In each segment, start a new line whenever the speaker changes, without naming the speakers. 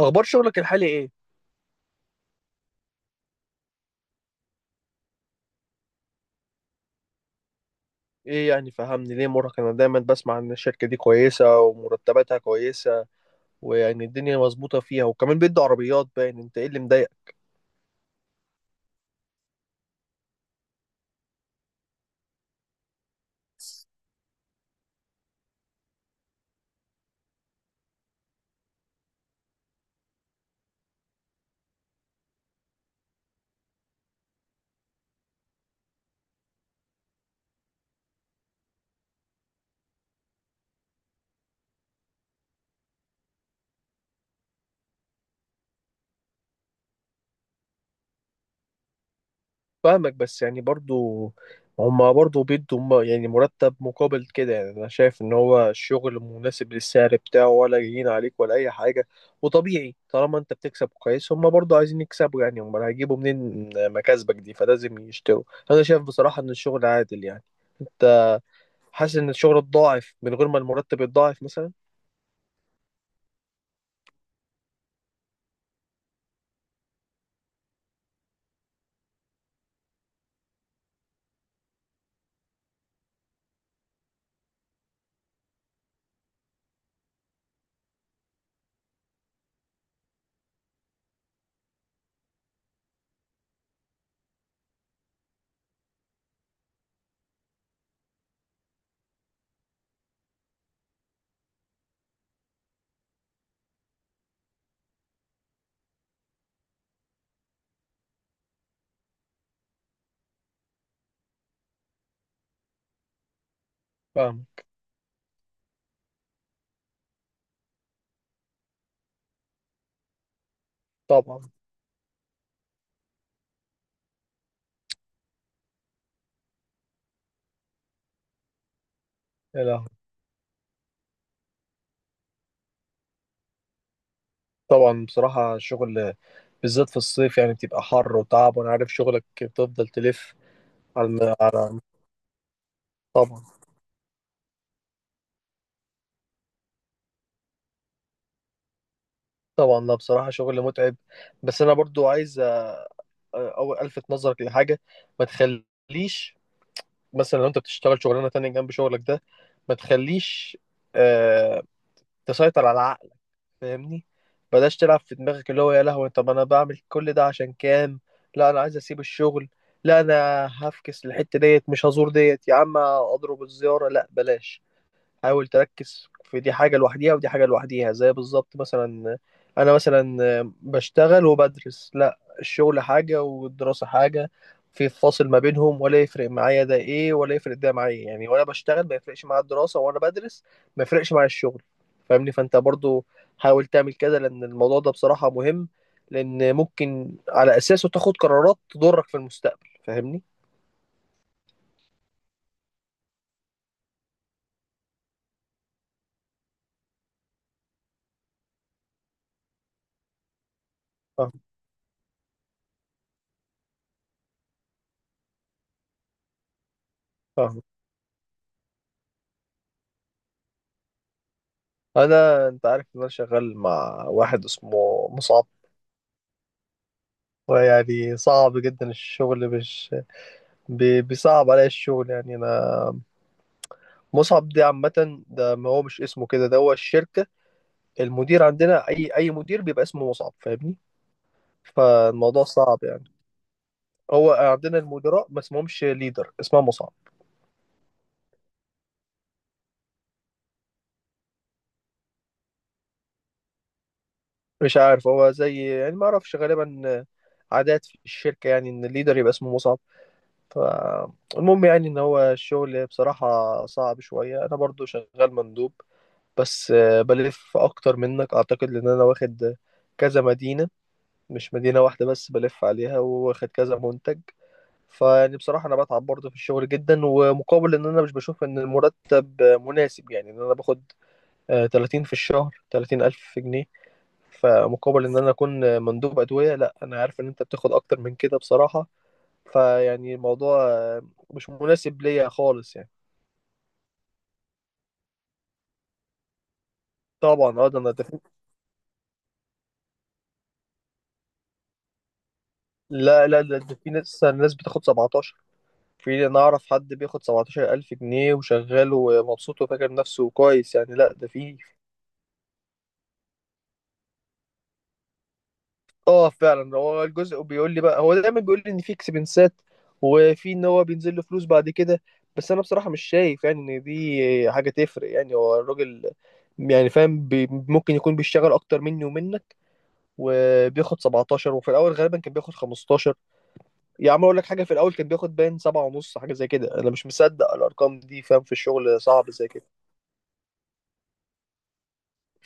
اخبار شغلك الحالي ايه؟ ايه يعني؟ فهمني ليه مرهق. انا دايما بسمع ان الشركه دي كويسه ومرتباتها كويسه، ويعني الدنيا مظبوطه فيها، وكمان بيدوا عربيات. باين انت ايه اللي مضايقك؟ فاهمك، بس يعني برضو هما برضو بيدوا يعني مرتب مقابل كده. يعني انا شايف ان هو الشغل مناسب للسعر بتاعه، ولا جايين عليك ولا اي حاجه. وطبيعي طالما انت بتكسب كويس، هما برضو عايزين يكسبوا. يعني هما هيجيبوا منين مكاسبك دي، فلازم يشتروا. انا شايف بصراحه ان الشغل عادل يعني. انت حاسس ان الشغل اتضاعف من غير ما المرتب يتضاعف مثلا؟ فاهم. طبعا. يا لهوي. طبعا بصراحة الشغل بالذات في الصيف يعني بتبقى حر وتعب، وانا عارف شغلك بتفضل تلف. على. طبعا. طبعا، لا بصراحة شغل متعب، بس انا برضو عايز أو الفت نظرك لحاجة. ما تخليش مثلا، لو انت بتشتغل شغلانة تانية جنب شغلك ده، ما تخليش، آه، تسيطر على العقل. فاهمني؟ بلاش تلعب في دماغك اللي هو يا لهوي، طب انا بعمل كل ده عشان كام؟ لا انا عايز اسيب الشغل، لا انا هفكس الحتة ديت، مش هزور ديت يا عم اضرب الزيارة، لا بلاش. حاول تركز، في دي حاجة لوحديها ودي حاجة لوحديها، زي بالظبط مثلا أنا مثلا بشتغل وبدرس. لا، الشغل حاجة والدراسة حاجة، في فاصل ما بينهم، ولا يفرق معايا ده إيه ولا يفرق ده معايا. يعني وأنا بشتغل ما يفرقش معايا الدراسة، وأنا بدرس ما يفرقش معايا الشغل. فاهمني؟ فأنت برضو حاول تعمل كده، لأن الموضوع ده بصراحة مهم، لأن ممكن على أساسه تاخد قرارات تضرك في المستقبل، فاهمني؟ فاهم. فاهم. أنا أنت عارف إن أنا شغال مع واحد اسمه مصعب، ويعني صعب جدا الشغل. مش بيصعب عليا الشغل يعني انا. مصعب دي عامة، ده ما هو مش اسمه كده، ده هو الشركة، المدير عندنا. اي مدير بيبقى اسمه مصعب فاهمني؟ فالموضوع صعب يعني. هو عندنا المدراء ما اسمهمش ليدر، اسمها مصعب. مش عارف، هو زي يعني، ما اعرفش، غالبا عادات في الشركة يعني، ان الليدر يبقى اسمه مصعب. فالمهم، يعني ان هو الشغل بصراحة صعب شوية. انا برضو شغال مندوب، بس بلف اكتر منك اعتقد، لان انا واخد كذا مدينة، مش مدينة واحدة بس بلف عليها، واخد كذا منتج. فيعني بصراحة انا بتعب برضه في الشغل جدا، ومقابل ان انا مش بشوف ان المرتب مناسب. يعني ان انا باخد 30 في الشهر، 30 الف جنيه، فمقابل ان انا اكون مندوب ادوية، لا، انا عارف ان انت بتاخد اكتر من كده بصراحة. فيعني الموضوع مش مناسب ليا خالص يعني. طبعا، اه، ده انا لا لا، ده ده في ناس، ناس بتاخد 17. في، انا اعرف حد بياخد 17000 جنيه وشغال ومبسوط وفاكر نفسه كويس يعني، لا ده في. اه فعلا، هو الجزء بيقول لي بقى، هو دايما بيقول لي ان في اكسبنسات، وفي ان هو بينزل له فلوس بعد كده، بس انا بصراحة مش شايف يعني ان دي حاجة تفرق. يعني هو الراجل، يعني فاهم بي، ممكن يكون بيشتغل اكتر مني ومنك وبياخد 17، وفي الاول غالبا كان بياخد 15. يا عم اقول لك حاجة، في الاول كان بياخد باين 7 ونص، حاجة زي كده، انا مش مصدق الارقام دي، فاهم في الشغل صعب زي كده.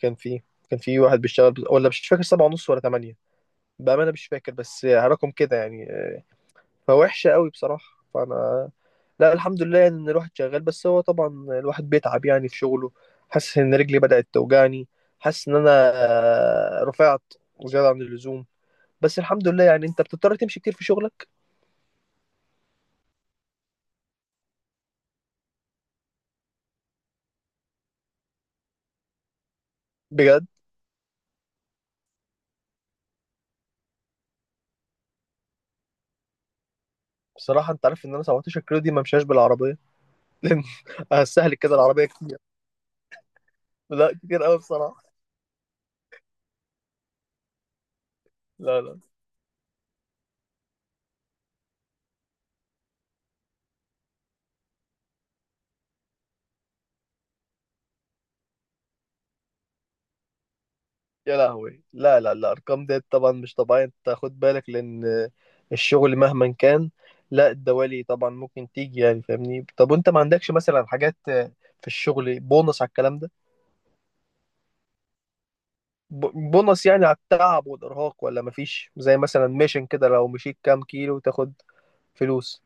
كان في كان في واحد بيشتغل ولا مش فاكر سبعة ونص ولا تمانية، بأمانة مش فاكر، بس رقم كده يعني فوحشة قوي بصراحة. فأنا لا الحمد لله يعني إن الواحد شغال، بس هو طبعا الواحد بيتعب يعني في شغله. حاسس إن رجلي بدأت توجعني، حاسس إن أنا رفعت زيادة عن اللزوم. بس الحمد لله يعني. أنت بتضطر تمشي كتير في شغلك؟ بجد؟ بصراحة أنت عارف إن أنا 17 كيلو دي ما مشاش بالعربية. لأن هستهلك كده العربية كتير. لا كتير قوي بصراحة. لا، لا، يا لهوي، لا، لا، الأرقام ديت طبعا مش طبيعية، أنت خد بالك، لأن الشغل مهما كان، لا الدوالي طبعا ممكن تيجي يعني فاهمني. طب وأنت ما عندكش مثلا حاجات في الشغل، بونص على الكلام ده؟ بونص يعني على التعب والإرهاق، ولا مفيش زي مثلا ميشن كده، لو مشيت كام كيلو تاخد فلوس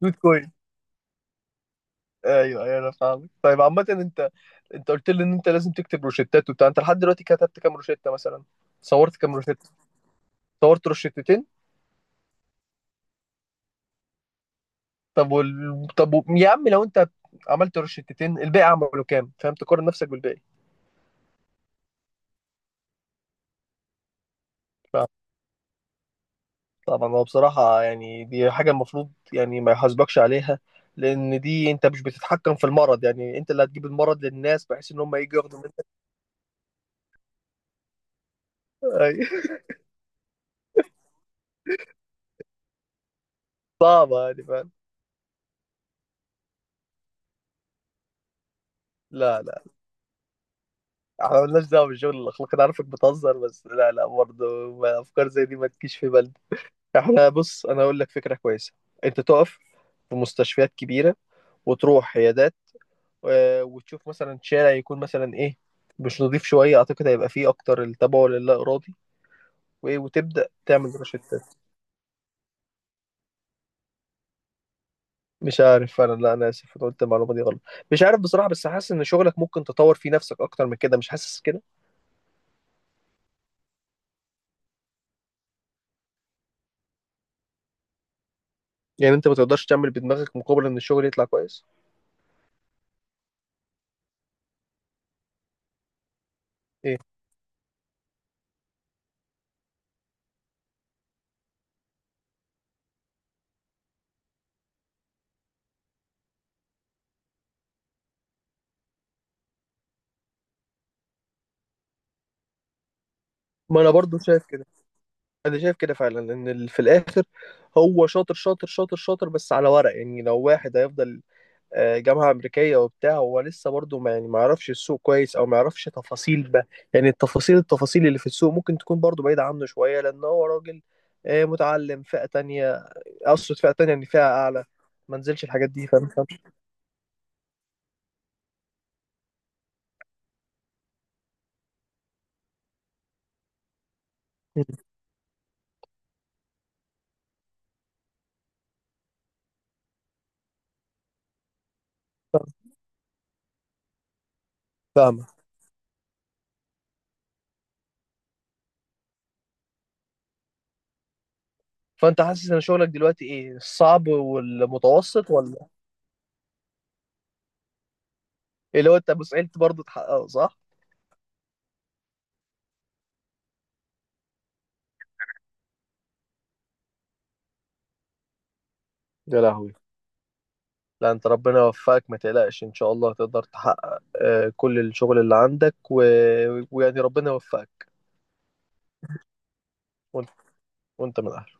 بيتكوين؟ أيوه، أيوه، أنا فاهمك. طيب عامة أنت، أنت قلت لي إن أنت لازم تكتب روشتات وبتاع، أنت لحد دلوقتي كتبت كام روشتة مثلا؟ صورت كام روشتة؟ صورت روشتتين؟ طب وال... طب و... يا عم، لو انت عملت روشتتين، الباقي عملوا كام؟ فاهم؟ تقارن نفسك بالباقي. ف- طبعا هو بصراحة يعني دي حاجة المفروض يعني ما يحاسبكش عليها، لأن دي أنت مش بتتحكم في المرض. يعني أنت اللي هتجيب المرض للناس بحيث إن هم يجوا ياخدوا منك؟ أي. صعبة يعني فاهم. لا، لا، احنا مالناش دعوة بالشغل الأخلاقي، أنا عارفك بتهزر، بس لا، لا برضه، أفكار زي دي ما تجيش في بالنا. احنا بص، أنا هقول لك فكرة كويسة. أنت تقف في مستشفيات كبيرة، وتروح عيادات، وتشوف مثلا شارع يكون مثلا ايه، مش نضيف شويه، اعتقد هيبقى فيه اكتر التبول اللا ارادي، وايه، وتبدا تعمل روشتات. مش عارف فعلا، لا انا اسف، انا قلت المعلومه دي غلط، مش عارف بصراحه. بس حاسس ان شغلك ممكن تطور فيه نفسك اكتر من كده، مش حاسس كده؟ يعني انت ما تقدرش تعمل بدماغك مقابل ان الشغل يطلع كويس؟ ايه، ما انا برضو شايف كده. انا شايف كده فعلا، ان في الاخر هو شاطر شاطر شاطر شاطر، بس على ورق. يعني لو واحد هيفضل جامعة أمريكية وبتاع، هو لسه برضه ما يعني ما يعرفش السوق كويس، أو ما يعرفش تفاصيل بقى. يعني التفاصيل اللي في السوق ممكن تكون برضه بعيدة عنه شوية، لأن هو راجل متعلم فئة تانية، أقصد فئة تانية يعني، فئة أعلى، ما نزلش الحاجات دي فاهم؟ فاهم؟ فأنت حاسس إن شغلك دلوقتي إيه؟ الصعب والمتوسط ولا اللي هو أنت مستحيل برضه تحققه؟ صح؟ يا لهوي، لا انت ربنا يوفقك، ما تقلقش ان شاء الله هتقدر تحقق كل الشغل اللي عندك ويعني ربنا يوفقك. وانت، وانت من اهله.